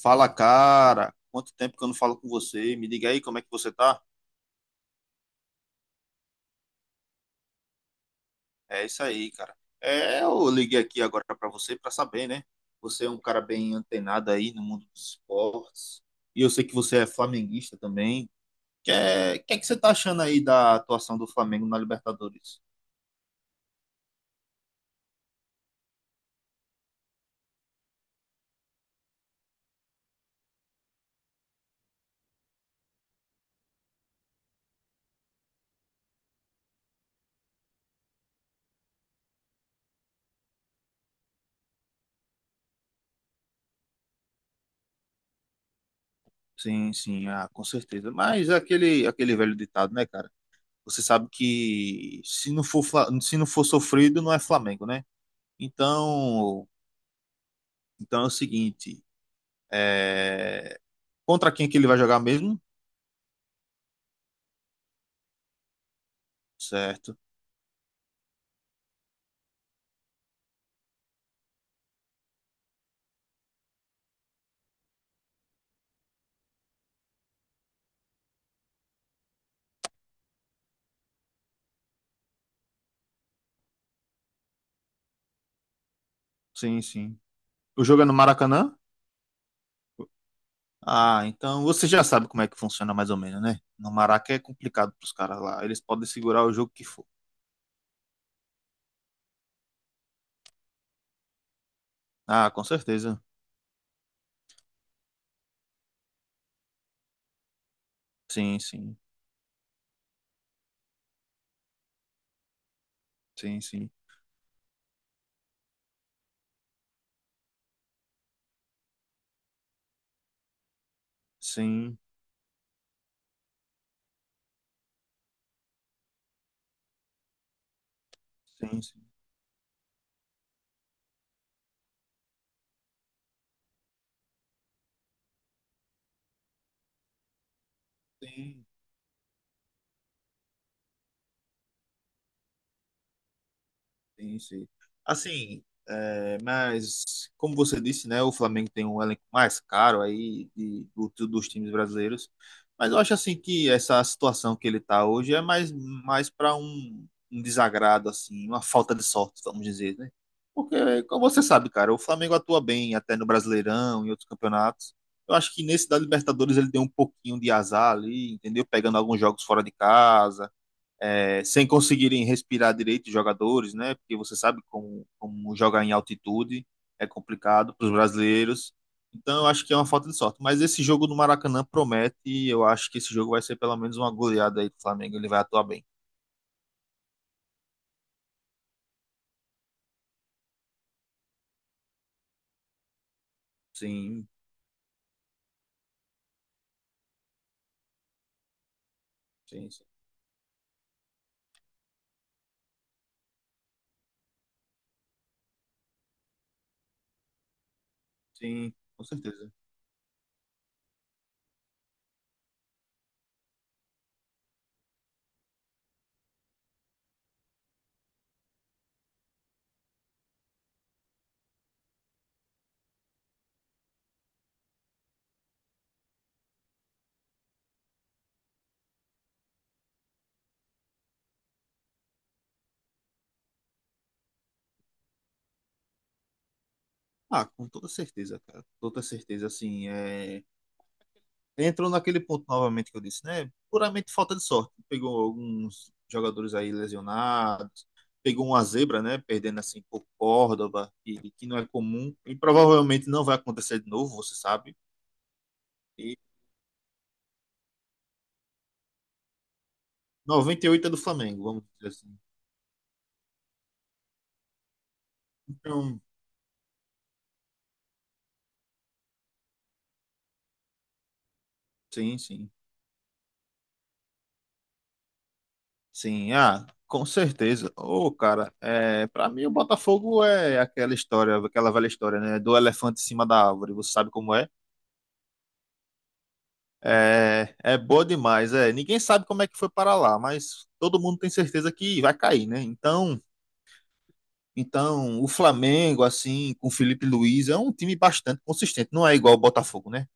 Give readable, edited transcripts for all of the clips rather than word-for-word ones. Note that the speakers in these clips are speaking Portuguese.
Fala, cara. Quanto tempo que eu não falo com você? Me diga aí como é que você tá? É isso aí, cara. Eu liguei aqui agora pra você pra saber, né? Você é um cara bem antenado aí no mundo dos esportes. E eu sei que você é flamenguista também. Que é, que é que você tá achando aí da atuação do Flamengo na Libertadores? Sim, sim, com certeza. Mas é aquele velho ditado, né, cara? Você sabe que se não for sofrido, não é Flamengo, né? Então, então é o seguinte. É, Contra quem que ele vai jogar mesmo? Certo. Sim, sim. O jogo é no Maracanã? Ah, então você já sabe como é que funciona mais ou menos, né? No Maraca é complicado pros caras lá. Eles podem segurar o jogo que for. Ah, com certeza. Sim, sim. Sim, sim. Sim, sim, sim. Sim, sim, sim. Assim, é, mas, como você disse, né, o Flamengo tem um elenco mais caro aí dos times brasileiros. Mas eu acho assim que essa situação que ele está hoje é mais para um desagrado, assim, uma falta de sorte, vamos dizer, né? Porque, como você sabe, cara, o Flamengo atua bem até no Brasileirão e outros campeonatos. Eu acho que nesse da Libertadores ele deu um pouquinho de azar ali, entendeu? Pegando alguns jogos fora de casa, é, sem conseguirem respirar direito os jogadores, né? Porque você sabe como jogar em altitude é complicado para os brasileiros. Então eu acho que é uma falta de sorte. Mas esse jogo no Maracanã promete e eu acho que esse jogo vai ser pelo menos uma goleada aí do Flamengo. Ele vai atuar bem. Sim, sim, sim, sim, com certeza. Ah, com toda certeza, cara. Toda certeza, assim, é... Entrou naquele ponto novamente que eu disse, né? Puramente falta de sorte. Pegou alguns jogadores aí lesionados, pegou uma zebra, né? Perdendo assim por Córdoba, que não é comum e provavelmente não vai acontecer de novo, você sabe. E 98 é do Flamengo, vamos dizer assim. Então, sim, sim. Sim, com certeza. Ô, cara, é, para mim o Botafogo é aquela história, aquela velha história, né? Do elefante em cima da árvore, você sabe como é? É, é boa demais, é. Ninguém sabe como é que foi para lá, mas todo mundo tem certeza que vai cair, né? Então o Flamengo, assim, com Felipe Luiz, é um time bastante consistente. Não é igual o Botafogo, né?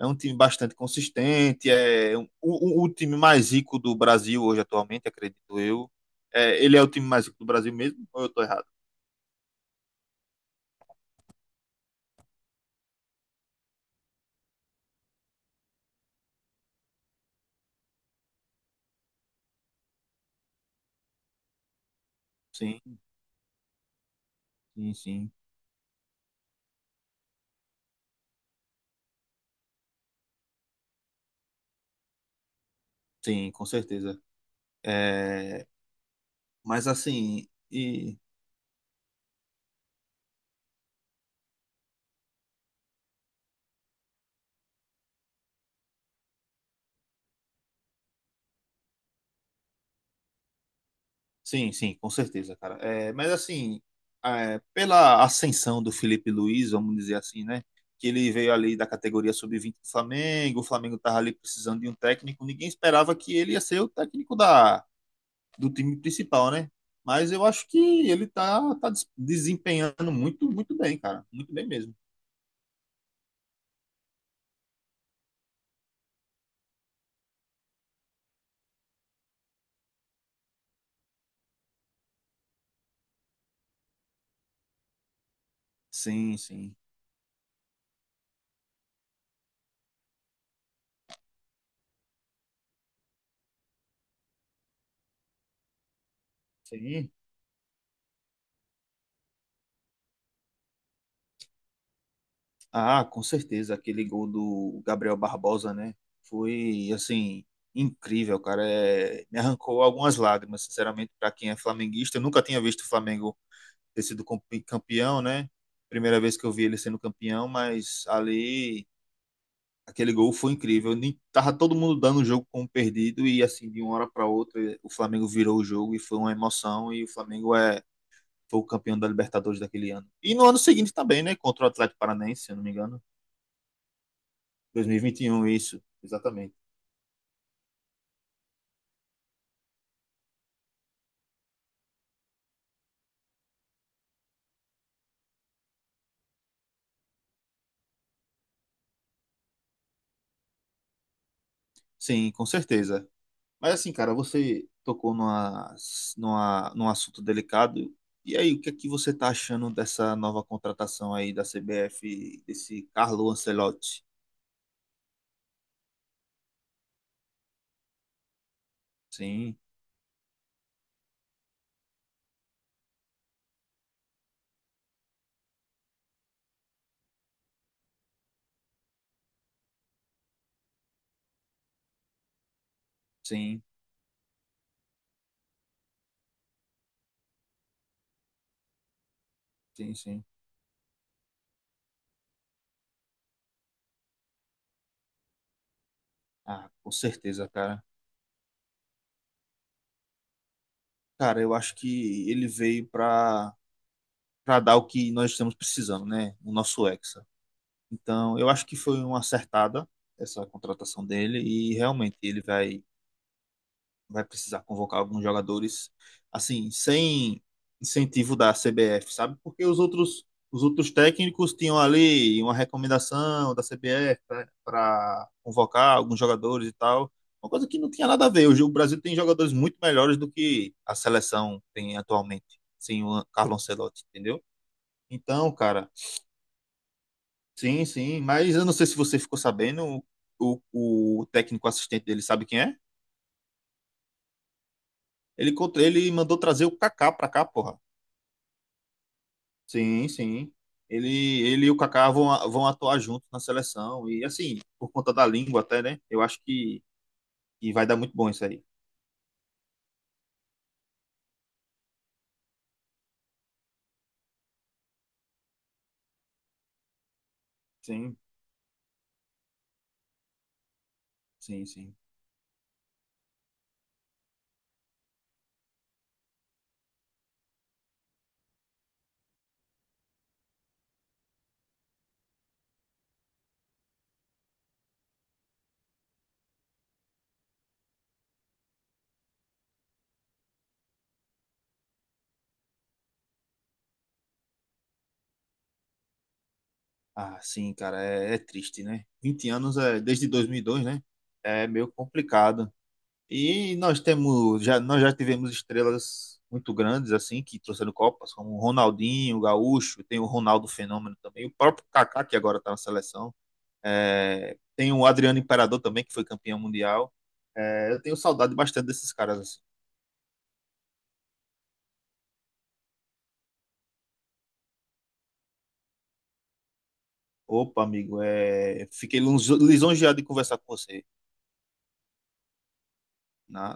É um time bastante consistente, é o time mais rico do Brasil hoje atualmente, acredito eu. É, ele é o time mais rico do Brasil mesmo, ou eu tô errado? Sim, sim, sim, sim, com certeza. É, mas assim. Sim, sim, com certeza, cara. É, mas assim, é, pela ascensão do Felipe Luiz, vamos dizer assim, né? Que ele veio ali da categoria sub-20 do Flamengo, o Flamengo estava ali precisando de um técnico, ninguém esperava que ele ia ser o técnico do time principal, né? Mas eu acho que ele desempenhando muito bem, cara. Muito bem mesmo. Sim, sim. Sim, ah, com certeza, aquele gol do Gabriel Barbosa, né? Foi, assim, incrível, cara. É, me arrancou algumas lágrimas, sinceramente, para quem é flamenguista. Eu nunca tinha visto o Flamengo ter sido com- campeão, né? Primeira vez que eu vi ele sendo campeão, mas ali, aquele gol foi incrível. Nem, tava todo mundo dando o jogo como perdido e, assim, de uma hora para outra, o Flamengo virou o jogo e foi uma emoção. E o Flamengo foi o campeão da Libertadores daquele ano. E no ano seguinte também, né? Contra o Atlético Paranaense, se eu não me engano. 2021, isso, exatamente. Sim, com certeza. Mas assim, cara, você tocou num assunto delicado. E aí, o que é que você tá achando dessa nova contratação aí da CBF, desse Carlo Ancelotti? Sim, sim, sim, sim. Ah, com certeza, cara. Cara, eu acho que ele veio para dar o que nós estamos precisando, né? O nosso Hexa. Então, eu acho que foi uma acertada essa contratação dele e realmente ele vai precisar convocar alguns jogadores, assim, sem incentivo da CBF, sabe? Os outros técnicos tinham ali uma recomendação da CBF para convocar alguns jogadores e tal. Uma coisa que não tinha nada a ver. Hoje o Brasil tem jogadores muito melhores do que a seleção tem atualmente, sem o Carlo Ancelotti, entendeu? Então, cara, sim, sim, mas eu não sei se você ficou sabendo, o, o técnico assistente dele sabe quem é? Ele mandou trazer o Kaká pra cá, porra. Sim, sim. Ele e o Kaká vão atuar juntos na seleção. E assim, por conta da língua até, né? Eu acho que vai dar muito bom isso aí. Sim, sim, sim. Ah, sim, cara, é, é triste, né? 20 anos é desde 2002, né? É meio complicado. E nós temos, já, nós já tivemos estrelas muito grandes, assim, que trouxeram Copas, como o Ronaldinho, o Gaúcho, tem o Ronaldo Fenômeno também, o próprio Kaká, que agora tá na seleção. É, tem o Adriano Imperador também, que foi campeão mundial. É, eu tenho saudade bastante desses caras. Assim. Opa, amigo, é, fiquei lisonjeado de conversar com você. Na